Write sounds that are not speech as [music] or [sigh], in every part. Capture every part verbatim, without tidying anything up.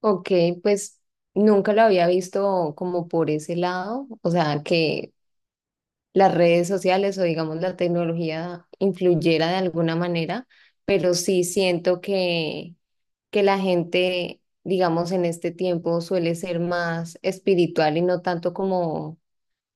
Ok, pues nunca lo había visto como por ese lado, o sea, que las redes sociales o digamos la tecnología influyera de alguna manera, pero sí siento que, que la gente, digamos, en este tiempo suele ser más espiritual y no tanto como,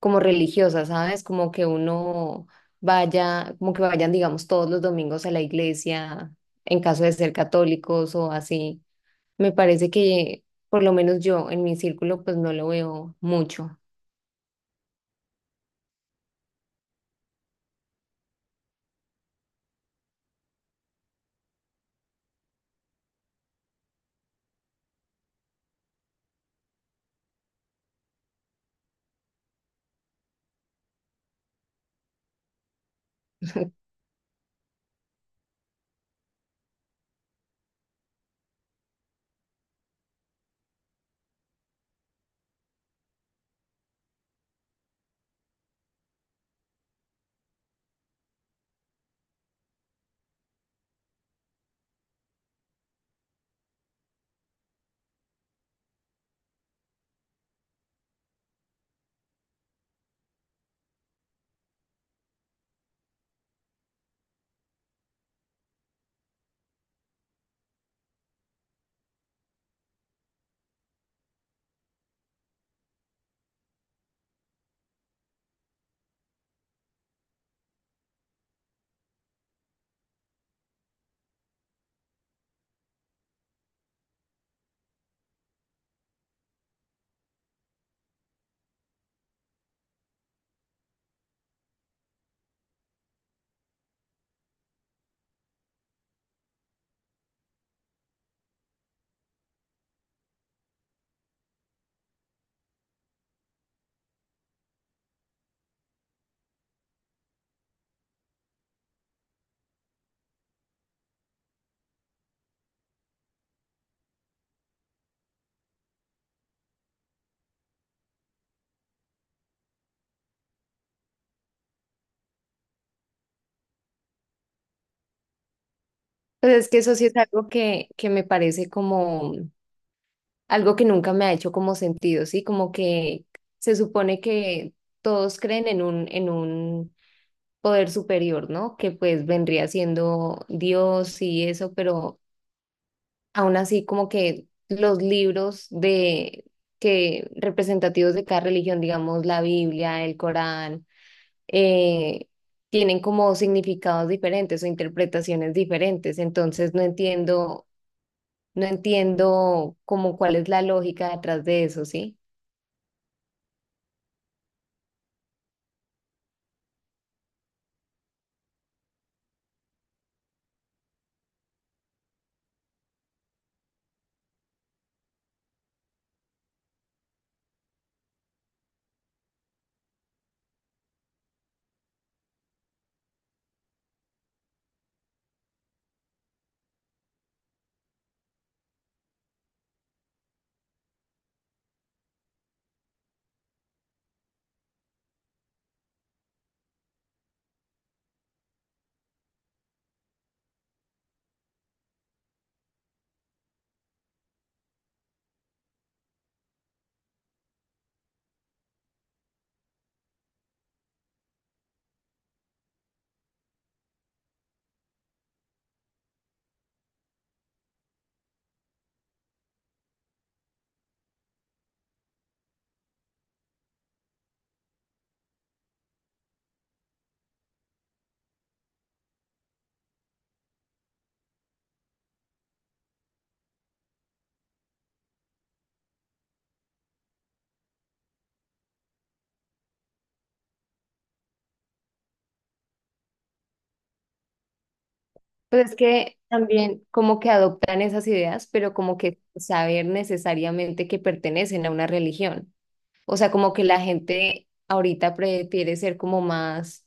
como religiosa, ¿sabes? Como que uno vaya, como que vayan, digamos, todos los domingos a la iglesia, en caso de ser católicos o así. Me parece que, por lo menos yo, en mi círculo, pues no lo veo mucho. [laughs] Pues es que eso sí es algo que, que me parece como algo que nunca me ha hecho como sentido, ¿sí? Como que se supone que todos creen en un, en un poder superior, ¿no? Que pues vendría siendo Dios y eso, pero aún así como que los libros de que representativos de cada religión, digamos la Biblia, el Corán eh, tienen como significados diferentes o interpretaciones diferentes. Entonces no entiendo, no entiendo como cuál es la lógica detrás de eso, ¿sí? Pues es que también como que adoptan esas ideas, pero como que saber necesariamente que pertenecen a una religión. O sea, como que la gente ahorita prefiere ser como más,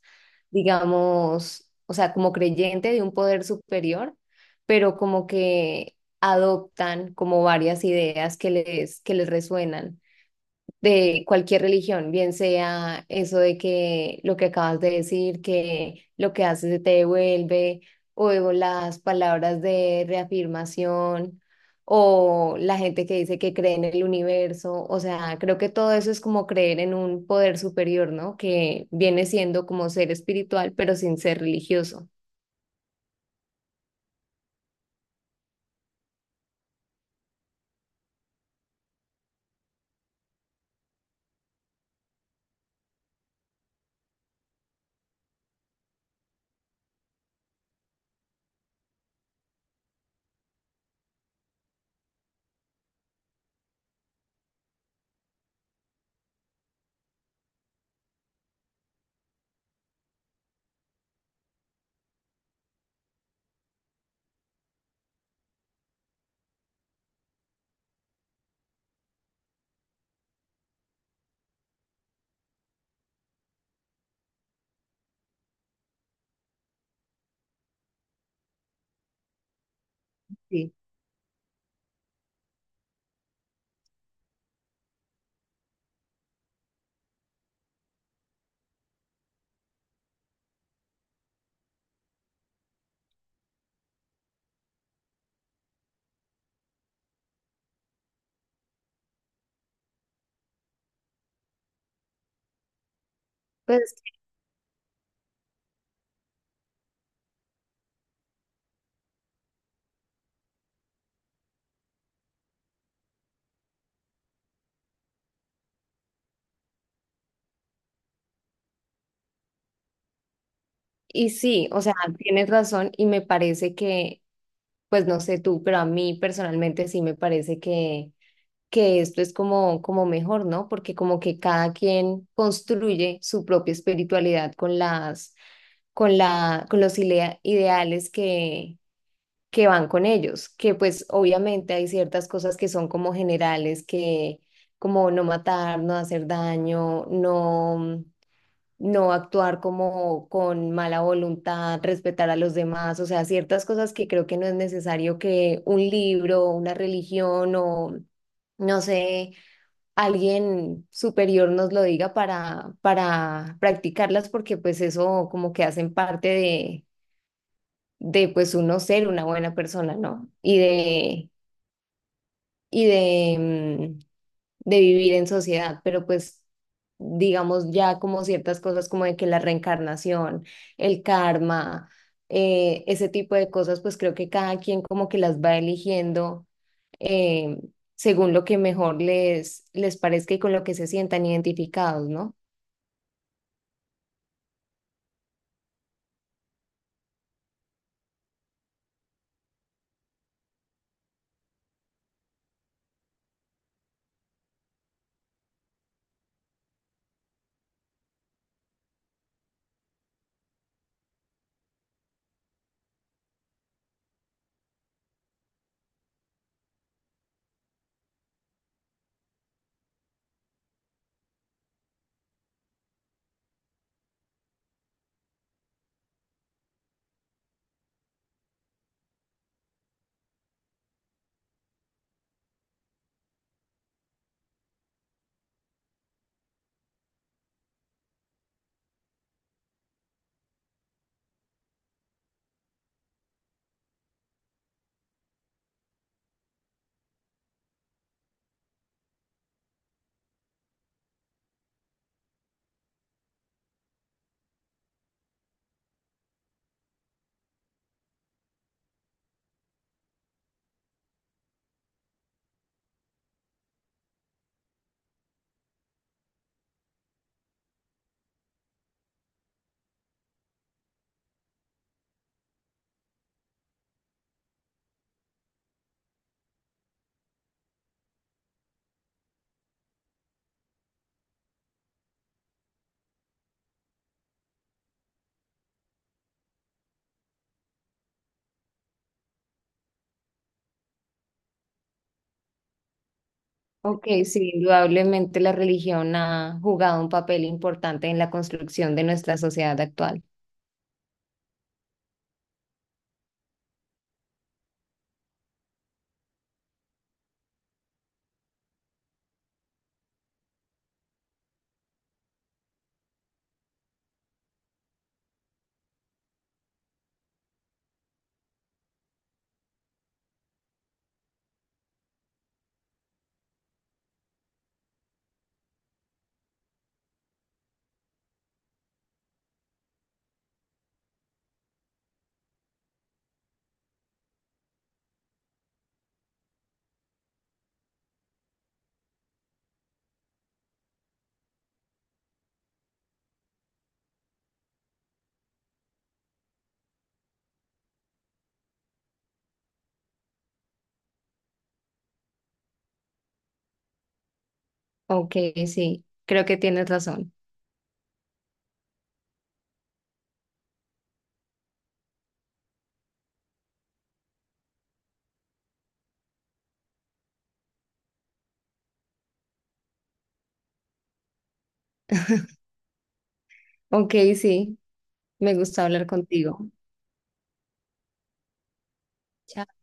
digamos, o sea, como creyente de un poder superior, pero como que adoptan como varias ideas que les, que les resuenan de cualquier religión, bien sea eso de que lo que acabas de decir, que lo que haces se te devuelve, o las palabras de reafirmación, o la gente que dice que cree en el universo, o sea, creo que todo eso es como creer en un poder superior, ¿no? Que viene siendo como ser espiritual, pero sin ser religioso. Sí. Pues, y sí, o sea, tienes razón y me parece que, pues no sé tú, pero a mí personalmente sí me parece que que esto es como, como mejor, ¿no? Porque como que cada quien construye su propia espiritualidad con las, con la, con los ilea- ideales que, que van con ellos, que pues obviamente hay ciertas cosas que son como generales, que como no matar, no hacer daño, no, no actuar como con mala voluntad, respetar a los demás, o sea, ciertas cosas que creo que no es necesario que un libro, una religión o no sé alguien superior nos lo diga para, para practicarlas, porque pues eso como que hacen parte de, de pues uno ser una buena persona, ¿no? Y de, y de, mm, de vivir en sociedad, pero pues digamos ya como ciertas cosas como de que la reencarnación, el karma, eh, ese tipo de cosas, pues creo que cada quien como que las va eligiendo. eh, Según lo que mejor les, les parezca y con lo que se sientan identificados, ¿no? Ok, sí, indudablemente la religión ha jugado un papel importante en la construcción de nuestra sociedad actual. Ok, sí, creo que tienes razón. Ok, sí, me gusta hablar contigo. Chao.